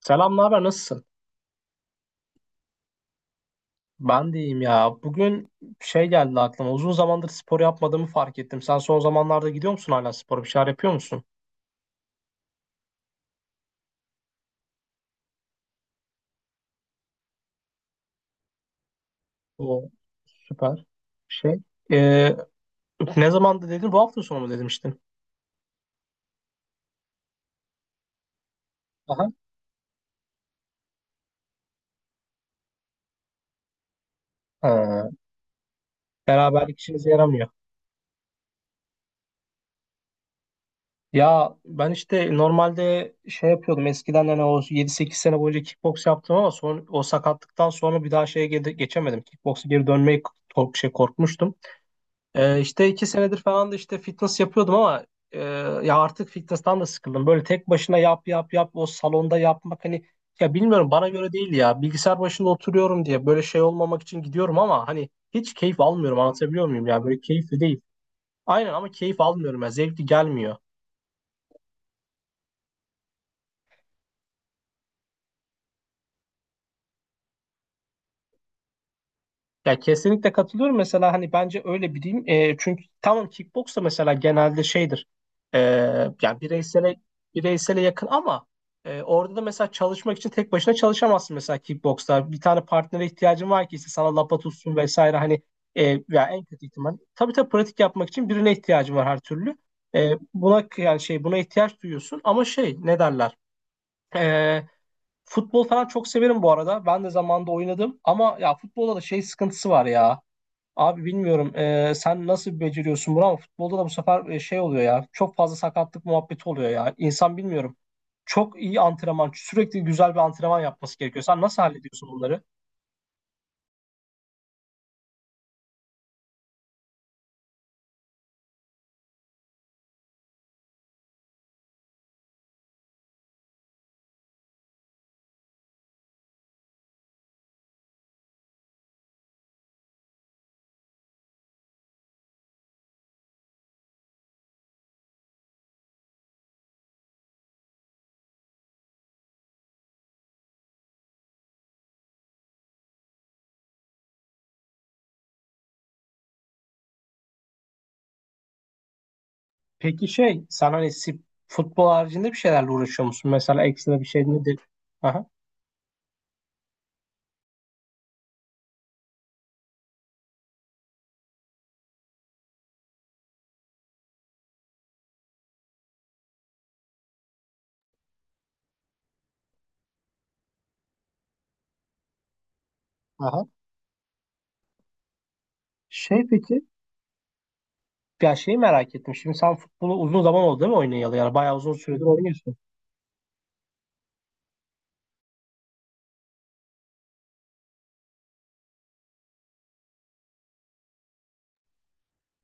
Selam, ne haber? Nasılsın? Ben de iyiyim ya. Bugün geldi aklıma. Uzun zamandır spor yapmadığımı fark ettim. Sen son zamanlarda gidiyor musun hala spora? Bir şeyler yapıyor musun? O süper. Şey. Ee, Ne zamandı dedin? Bu hafta sonu mu demiştin? Aha. Ha, beraberlik işinize yaramıyor. Ya ben işte normalde yapıyordum. Eskiden hani o yedi sekiz sene boyunca kickbox yaptım ama son, o sakatlıktan sonra bir daha geçemedim. Kickbox'a geri dönmeye korkmuştum. İşte iki senedir falan da işte fitness yapıyordum ama e, ya artık fitness'tan da sıkıldım. Böyle tek başına yap yap yap o salonda yapmak hani ya bilmiyorum bana göre değil ya. Bilgisayar başında oturuyorum diye böyle olmamak için gidiyorum ama hani hiç keyif almıyorum anlatabiliyor muyum ya böyle keyifli değil. Aynen ama keyif almıyorum ya zevkli gelmiyor. Ya kesinlikle katılıyorum. Mesela hani bence öyle bir diyeyim. Çünkü tamam kickbox da mesela genelde şeydir. E, Yani bireysele, bireysele yakın ama orada da mesela çalışmak için tek başına çalışamazsın mesela kickboksta. Bir tane partnere ihtiyacın var ki işte sana lapa tutsun vesaire hani ya en kötü ihtimal. Tabii tabii pratik yapmak için birine ihtiyacın var her türlü. Buna yani buna ihtiyaç duyuyorsun ama şey ne derler? E, Futbol falan çok severim bu arada. Ben de zamanında oynadım ama ya futbolda da sıkıntısı var ya. Abi bilmiyorum sen nasıl beceriyorsun bunu ama futbolda da bu sefer oluyor ya çok fazla sakatlık muhabbeti oluyor ya. İnsan bilmiyorum çok iyi antrenman sürekli güzel bir antrenman yapması gerekiyor. Sen nasıl hallediyorsun bunları? Peki sen hani futbol haricinde bir şeylerle uğraşıyor musun? Mesela ekstra bir şey nedir? Aha, aha. Peki ya şeyi merak ettim. Şimdi sen futbolu uzun zaman oldu değil mi oynayalı? Yani bayağı uzun süredir oynuyorsun.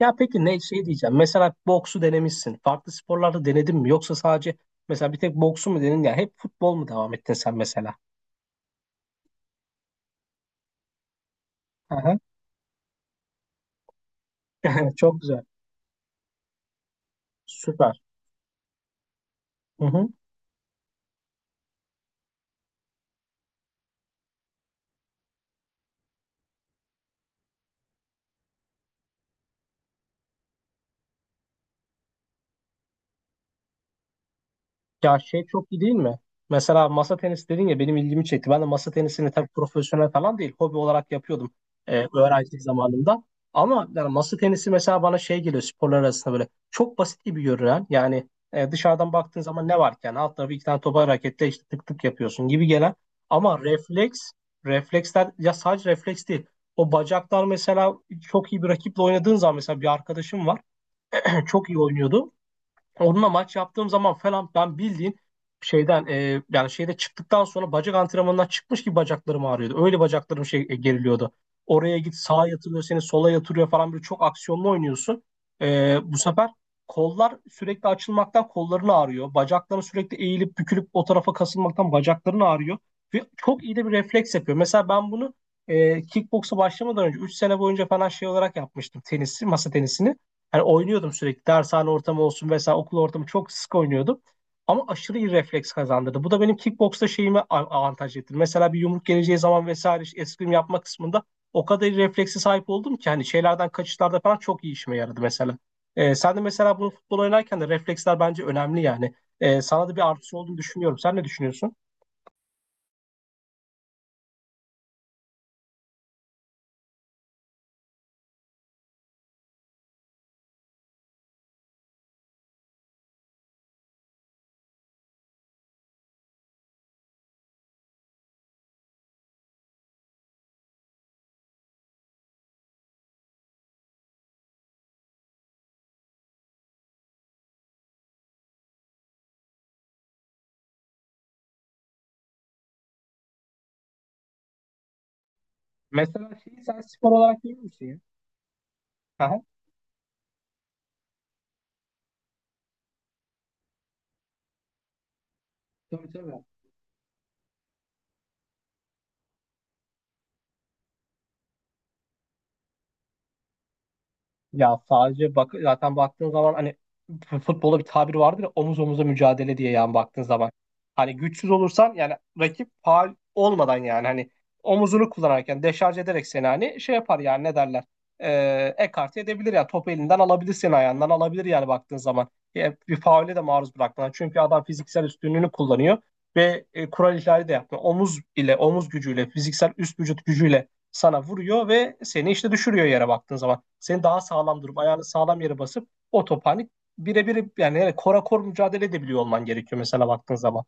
Ya peki ne diyeceğim. Mesela boksu denemişsin. Farklı sporlarda denedin mi? Yoksa sadece mesela bir tek boksu mu denedin ya? Hep futbol mu devam ettin sen mesela? Aha. Çok güzel. Süper. Hı hı. Ya çok iyi değil mi? Mesela masa tenisi dedin ya benim ilgimi çekti. Ben de masa tenisini tabii profesyonel falan değil, hobi olarak yapıyordum öğrencilik zamanında. Ama yani masa tenisi mesela bana geliyor sporlar arasında böyle çok basit gibi görünen yani dışarıdan baktığın zaman ne var ki yani alt tarafı iki tane topa raketle işte tık tık yapıyorsun gibi gelen ama refleksler ya sadece refleks değil o bacaklar mesela çok iyi bir rakiple oynadığın zaman mesela bir arkadaşım var çok iyi oynuyordu. Onunla maç yaptığım zaman falan ben bildiğin şeyden e, yani şeyde çıktıktan sonra bacak antrenmanından çıkmış gibi bacaklarım ağrıyordu. Öyle bacaklarım geriliyordu. Oraya git sağa yatırıyor seni sola yatırıyor falan böyle çok aksiyonlu oynuyorsun. Bu sefer kollar sürekli açılmaktan kolların ağrıyor. Bacakların sürekli eğilip bükülüp o tarafa kasılmaktan bacakların ağrıyor. Ve çok iyi de bir refleks yapıyor. Mesela ben bunu kickboksa başlamadan önce 3 sene boyunca falan olarak yapmıştım. Tenisi, masa tenisini. Yani oynuyordum sürekli. Dershane ortamı olsun vesaire okul ortamı çok sık oynuyordum. Ama aşırı iyi refleks kazandırdı. Bu da benim kickboksta avantaj getirdi. Mesela bir yumruk geleceği zaman vesaire işte eskrim yapma kısmında o kadar iyi refleksi sahip oldum ki hani şeylerden kaçışlarda falan çok iyi işime yaradı mesela. Sen de mesela bunu futbol oynarken de refleksler bence önemli yani. Sana da bir artısı olduğunu düşünüyorum. Sen ne düşünüyorsun? Mesela şeyi sen spor olarak görür müsün ya? Aha. Tabii tabii. Ya sadece bak zaten baktığın zaman hani futbolda bir tabir vardır ya omuz omuza mücadele diye yani baktığın zaman. Hani güçsüz olursan yani rakip faul olmadan yani hani omuzunu kullanarken deşarj ederek seni hani yapar yani ne derler ekarte edebilir ya topu elinden alabilir seni ayağından alabilir yani baktığın zaman. Bir faule de maruz bırakmadan çünkü adam fiziksel üstünlüğünü kullanıyor ve kural ihlali de yapmıyor. Omuz ile omuz gücüyle fiziksel üst vücut gücüyle sana vuruyor ve seni işte düşürüyor yere baktığın zaman. Seni daha sağlam durup ayağını sağlam yere basıp o top hani birebir yani kora kor mücadele edebiliyor olman gerekiyor mesela baktığın zaman.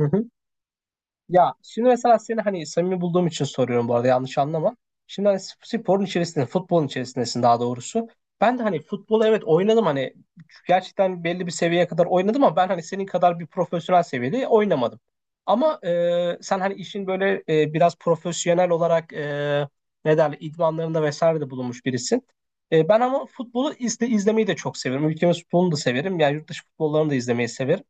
Hı hı. Ya şimdi mesela seni hani samimi bulduğum için soruyorum bu arada yanlış anlama. Şimdi hani sporun içerisinde, futbolun içerisindesin daha doğrusu. Ben de hani futbolu evet oynadım hani gerçekten belli bir seviyeye kadar oynadım ama ben hani senin kadar bir profesyonel seviyede oynamadım. Ama sen hani işin böyle biraz profesyonel olarak ne derler idmanlarında vesaire de bulunmuş birisin. Ben ama futbolu izlemeyi de çok severim. Ülkemiz futbolunu da severim. Yani yurt dışı futbollarını da izlemeyi severim.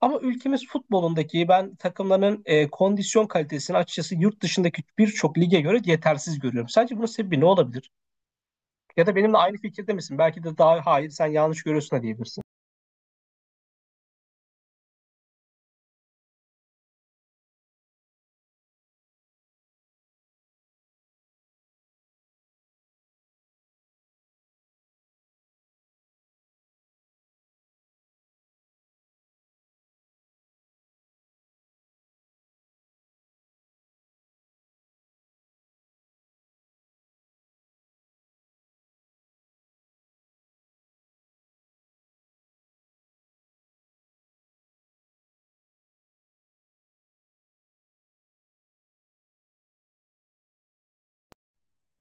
Ama ülkemiz futbolundaki ben takımların kondisyon kalitesini açıkçası yurt dışındaki birçok lige göre yetersiz görüyorum. Sence bunun sebebi ne olabilir? Ya da benimle aynı fikirde misin? Belki de daha hayır sen yanlış görüyorsun da diyebilirsin.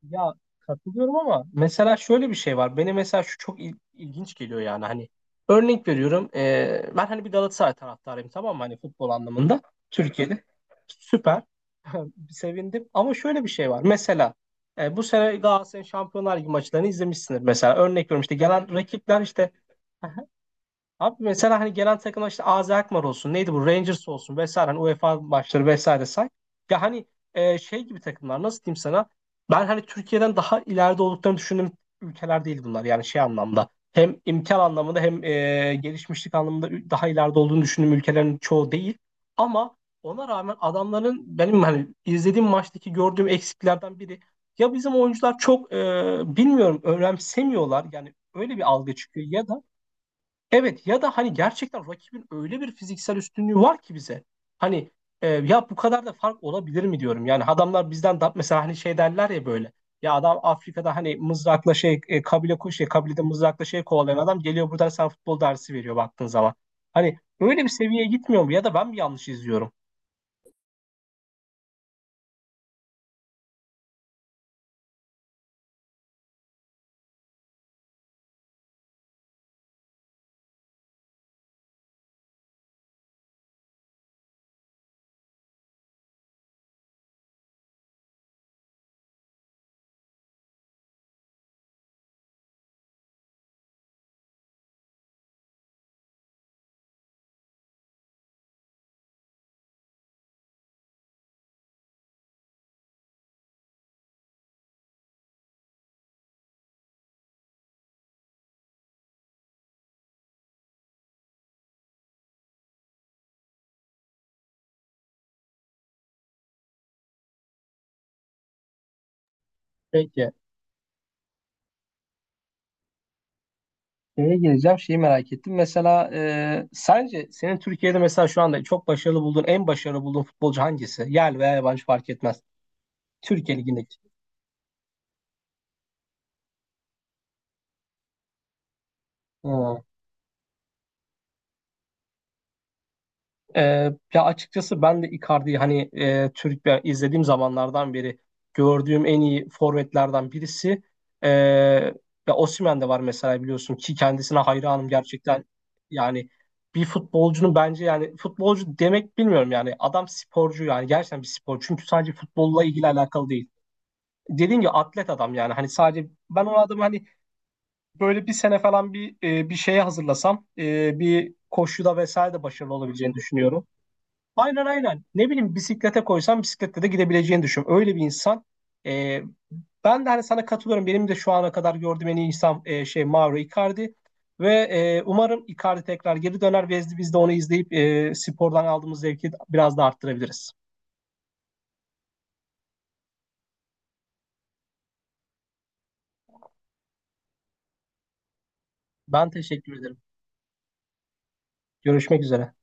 Ya katılıyorum ama mesela şöyle bir şey var. Beni mesela şu çok ilginç geliyor yani hani örnek veriyorum. Ben hani bir Galatasaray taraftarıyım tamam mı? Hani futbol anlamında Türkiye'de süper. Sevindim ama şöyle bir şey var. Mesela bu sene Galatasaray'ın Şampiyonlar Ligi maçlarını izlemişsindir. Mesela örnek veriyorum işte gelen rakipler işte Abi mesela hani gelen takımlar işte AZ Alkmaar olsun neydi bu Rangers olsun vesaire hani UEFA maçları vesaire say. Ya hani gibi takımlar nasıl diyeyim sana ben hani Türkiye'den daha ileride olduklarını düşündüğüm ülkeler değil bunlar yani anlamda. Hem imkan anlamında hem gelişmişlik anlamında daha ileride olduğunu düşündüğüm ülkelerin çoğu değil. Ama ona rağmen adamların benim hani izlediğim maçtaki gördüğüm eksiklerden biri ya bizim oyuncular çok bilmiyorum önemsemiyorlar yani öyle bir algı çıkıyor ya da evet ya da hani gerçekten rakibin öyle bir fiziksel üstünlüğü var ki bize. Hani ya bu kadar da fark olabilir mi diyorum. Yani adamlar bizden da mesela hani şey derler ya böyle. Ya adam Afrika'da hani mızrakla kabilede mızrakla kovalayan adam geliyor buradan sana futbol dersi veriyor baktığın zaman. Hani öyle bir seviyeye gitmiyor mu ya da ben mi yanlış izliyorum? Peki. Şeye geleceğim. Şeyi merak ettim. Mesela sence senin Türkiye'de mesela şu anda çok başarılı bulduğun, en başarılı bulduğun futbolcu hangisi? Yerli veya yabancı fark etmez. Türkiye Ligi'ndeki. Hı. Ya açıkçası ben de Icardi'yi hani Türk ben izlediğim zamanlardan beri gördüğüm en iyi forvetlerden birisi. Ee, Ya Osimhen de var mesela biliyorsun ki kendisine hayranım gerçekten. Yani bir futbolcunun bence yani futbolcu demek bilmiyorum yani adam sporcu yani gerçekten bir spor. Çünkü sadece futbolla ilgili alakalı değil. Dediğim gibi atlet adam yani hani sadece ben o adamı hani böyle bir sene falan bir bir şeye hazırlasam bir koşuda vesaire de başarılı olabileceğini düşünüyorum. Aynen aynen. Ne bileyim bisiklete koysam bisiklette de gidebileceğini düşün. Öyle bir insan. Ee, Ben de hani sana katılıyorum. Benim de şu ana kadar gördüğüm en iyi insan Mauro Icardi. Ve umarım Icardi tekrar geri döner ve biz de onu izleyip spordan aldığımız zevki biraz da arttırabiliriz. Ben teşekkür ederim. Görüşmek üzere.